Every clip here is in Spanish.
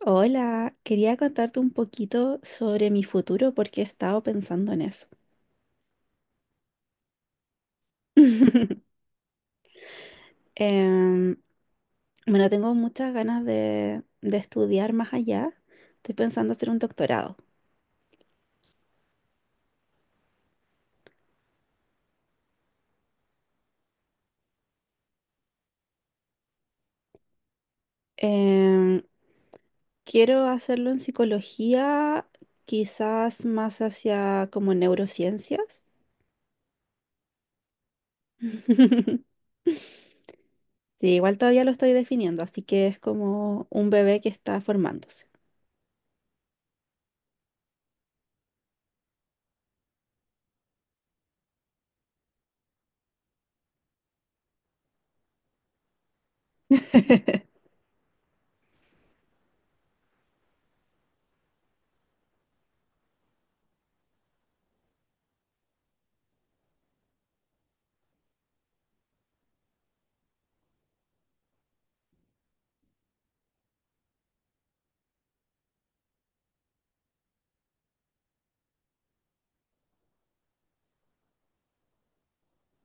Hola, quería contarte un poquito sobre mi futuro porque he estado pensando en eso. Em, bueno, tengo muchas ganas de estudiar más allá. Estoy pensando hacer un doctorado. Em, Quiero hacerlo en psicología, quizás más hacia como neurociencias. Sí, igual todavía lo estoy definiendo, así que es como un bebé que está formándose.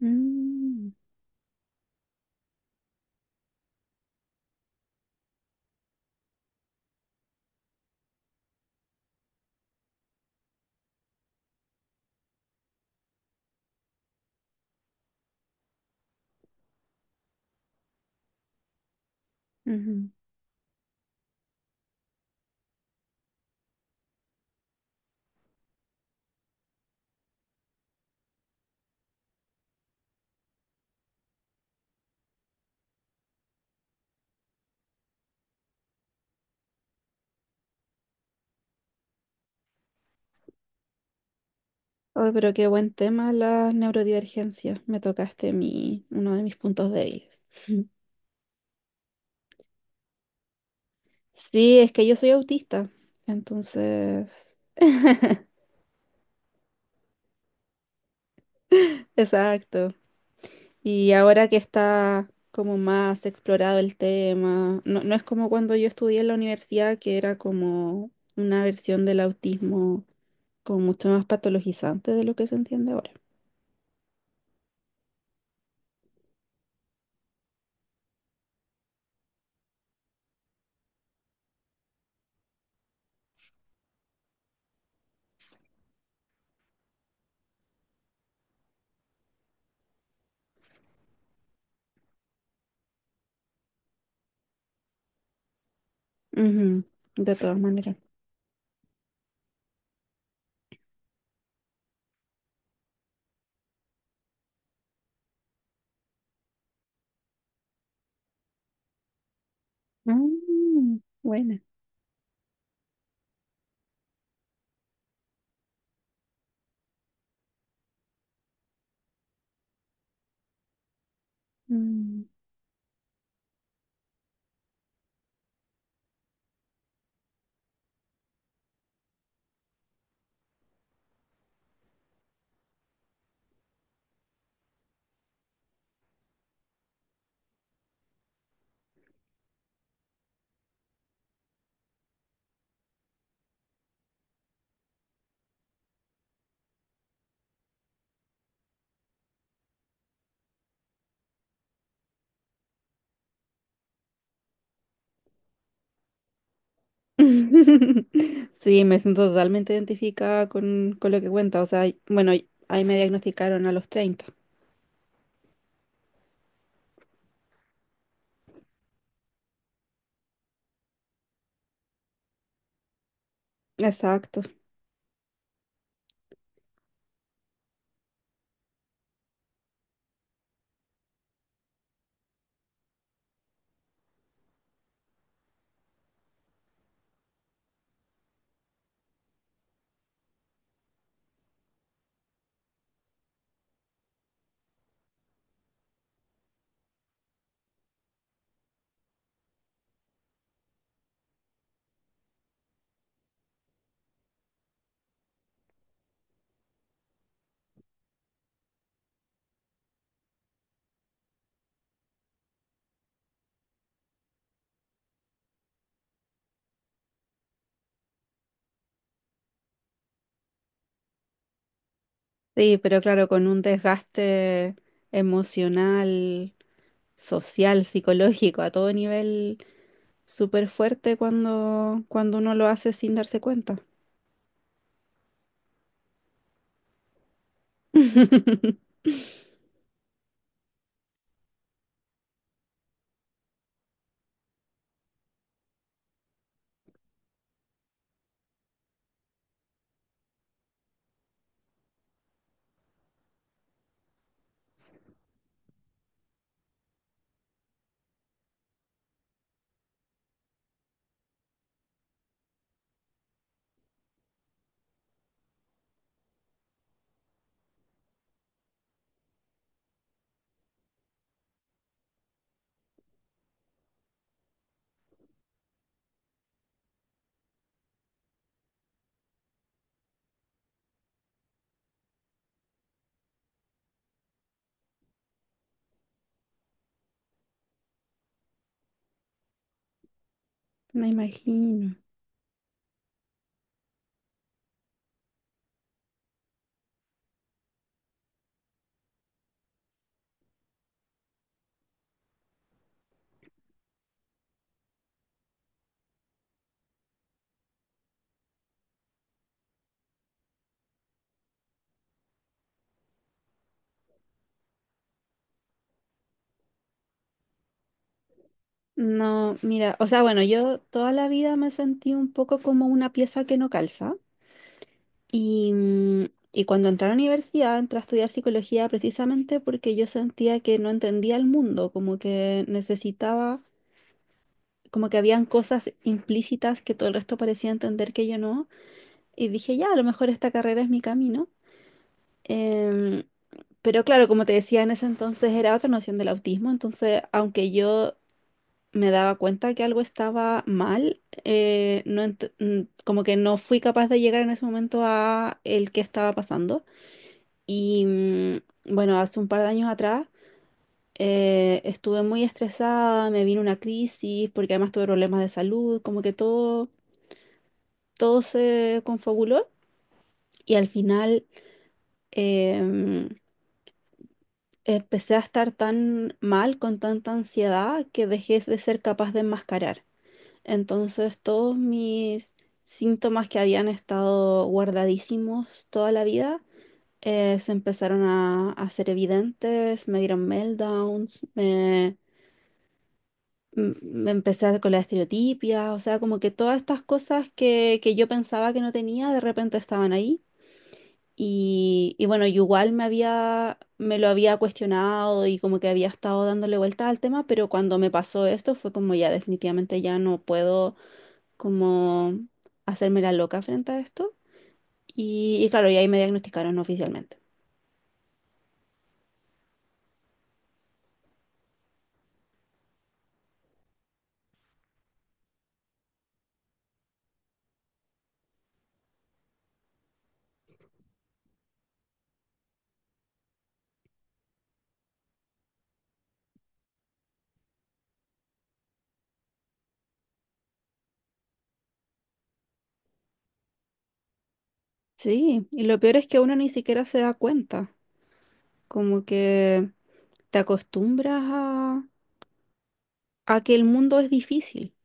Mm, ujú. Ay, pero qué buen tema las neurodivergencias. Me tocaste uno de mis puntos débiles. Sí, es que yo soy autista, entonces... Exacto. Y ahora que está como más explorado el tema, no, no es como cuando yo estudié en la universidad, que era como una versión del autismo como mucho más patologizante de lo que se entiende ahora. Ujú, de todas maneras. Mm, buena. Mm. Sí, me siento totalmente identificada con lo que cuenta. O sea, bueno, ahí me diagnosticaron a los 30. Exacto. Sí, pero claro, con un desgaste emocional, social, psicológico, a todo nivel, súper fuerte cuando, cuando uno lo hace sin darse cuenta. Me imagino. No, mira, o sea, bueno, yo toda la vida me sentí un poco como una pieza que no calza. Y, mm, y cuando entré a la universidad, entré a estudiar psicología precisamente porque yo sentía que no entendía el mundo, como que necesitaba, como que habían cosas implícitas que todo el resto parecía entender que yo no. Y dije, ya, a lo mejor esta carrera es mi camino. Em, pero claro, como te decía, en ese entonces era otra noción del autismo, entonces aunque yo me daba cuenta que algo estaba mal, no como que no fui capaz de llegar en ese momento a el que estaba pasando. Y mm, bueno, hace un par de años atrás estuve muy estresada, me vino una crisis porque además tuve problemas de salud, como que todo, todo se confabuló y al final em, empecé a estar tan mal, con tanta ansiedad, que dejé de ser capaz de enmascarar. Entonces todos mis síntomas que habían estado guardadísimos toda la vida se empezaron a hacer evidentes, me dieron meltdowns, me con la estereotipia, o sea, como que todas estas cosas que yo pensaba que no tenía, de repente estaban ahí. Y bueno, yo igual me lo había cuestionado y como que había estado dándole vuelta al tema, pero cuando me pasó esto fue como ya definitivamente ya no puedo como hacerme la loca frente a esto. Y claro, y ahí me diagnosticaron oficialmente. Sí, y lo peor es que uno ni siquiera se da cuenta, como que te acostumbras a que el mundo es difícil.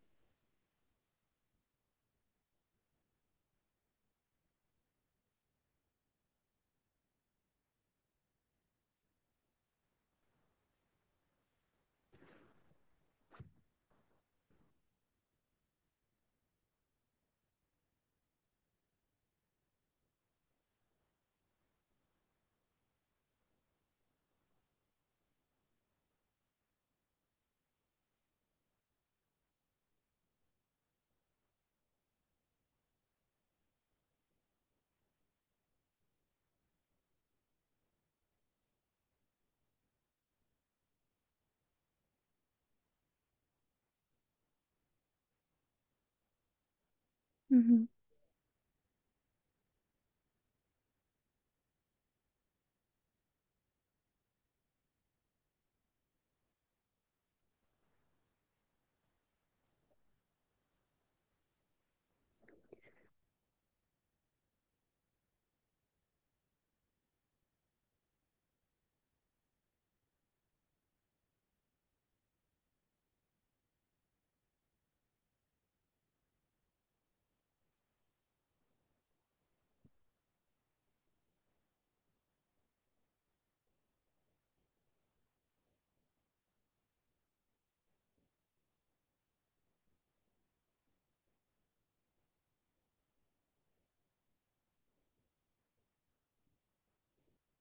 Ujú.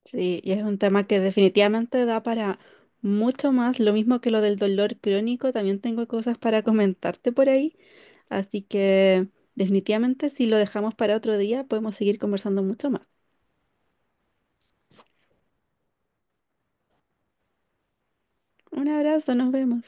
Sí, y es un tema que definitivamente da para mucho más, lo mismo que lo del dolor crónico, también tengo cosas para comentarte por ahí, así que definitivamente si lo dejamos para otro día podemos seguir conversando mucho más. Un abrazo, nos vemos.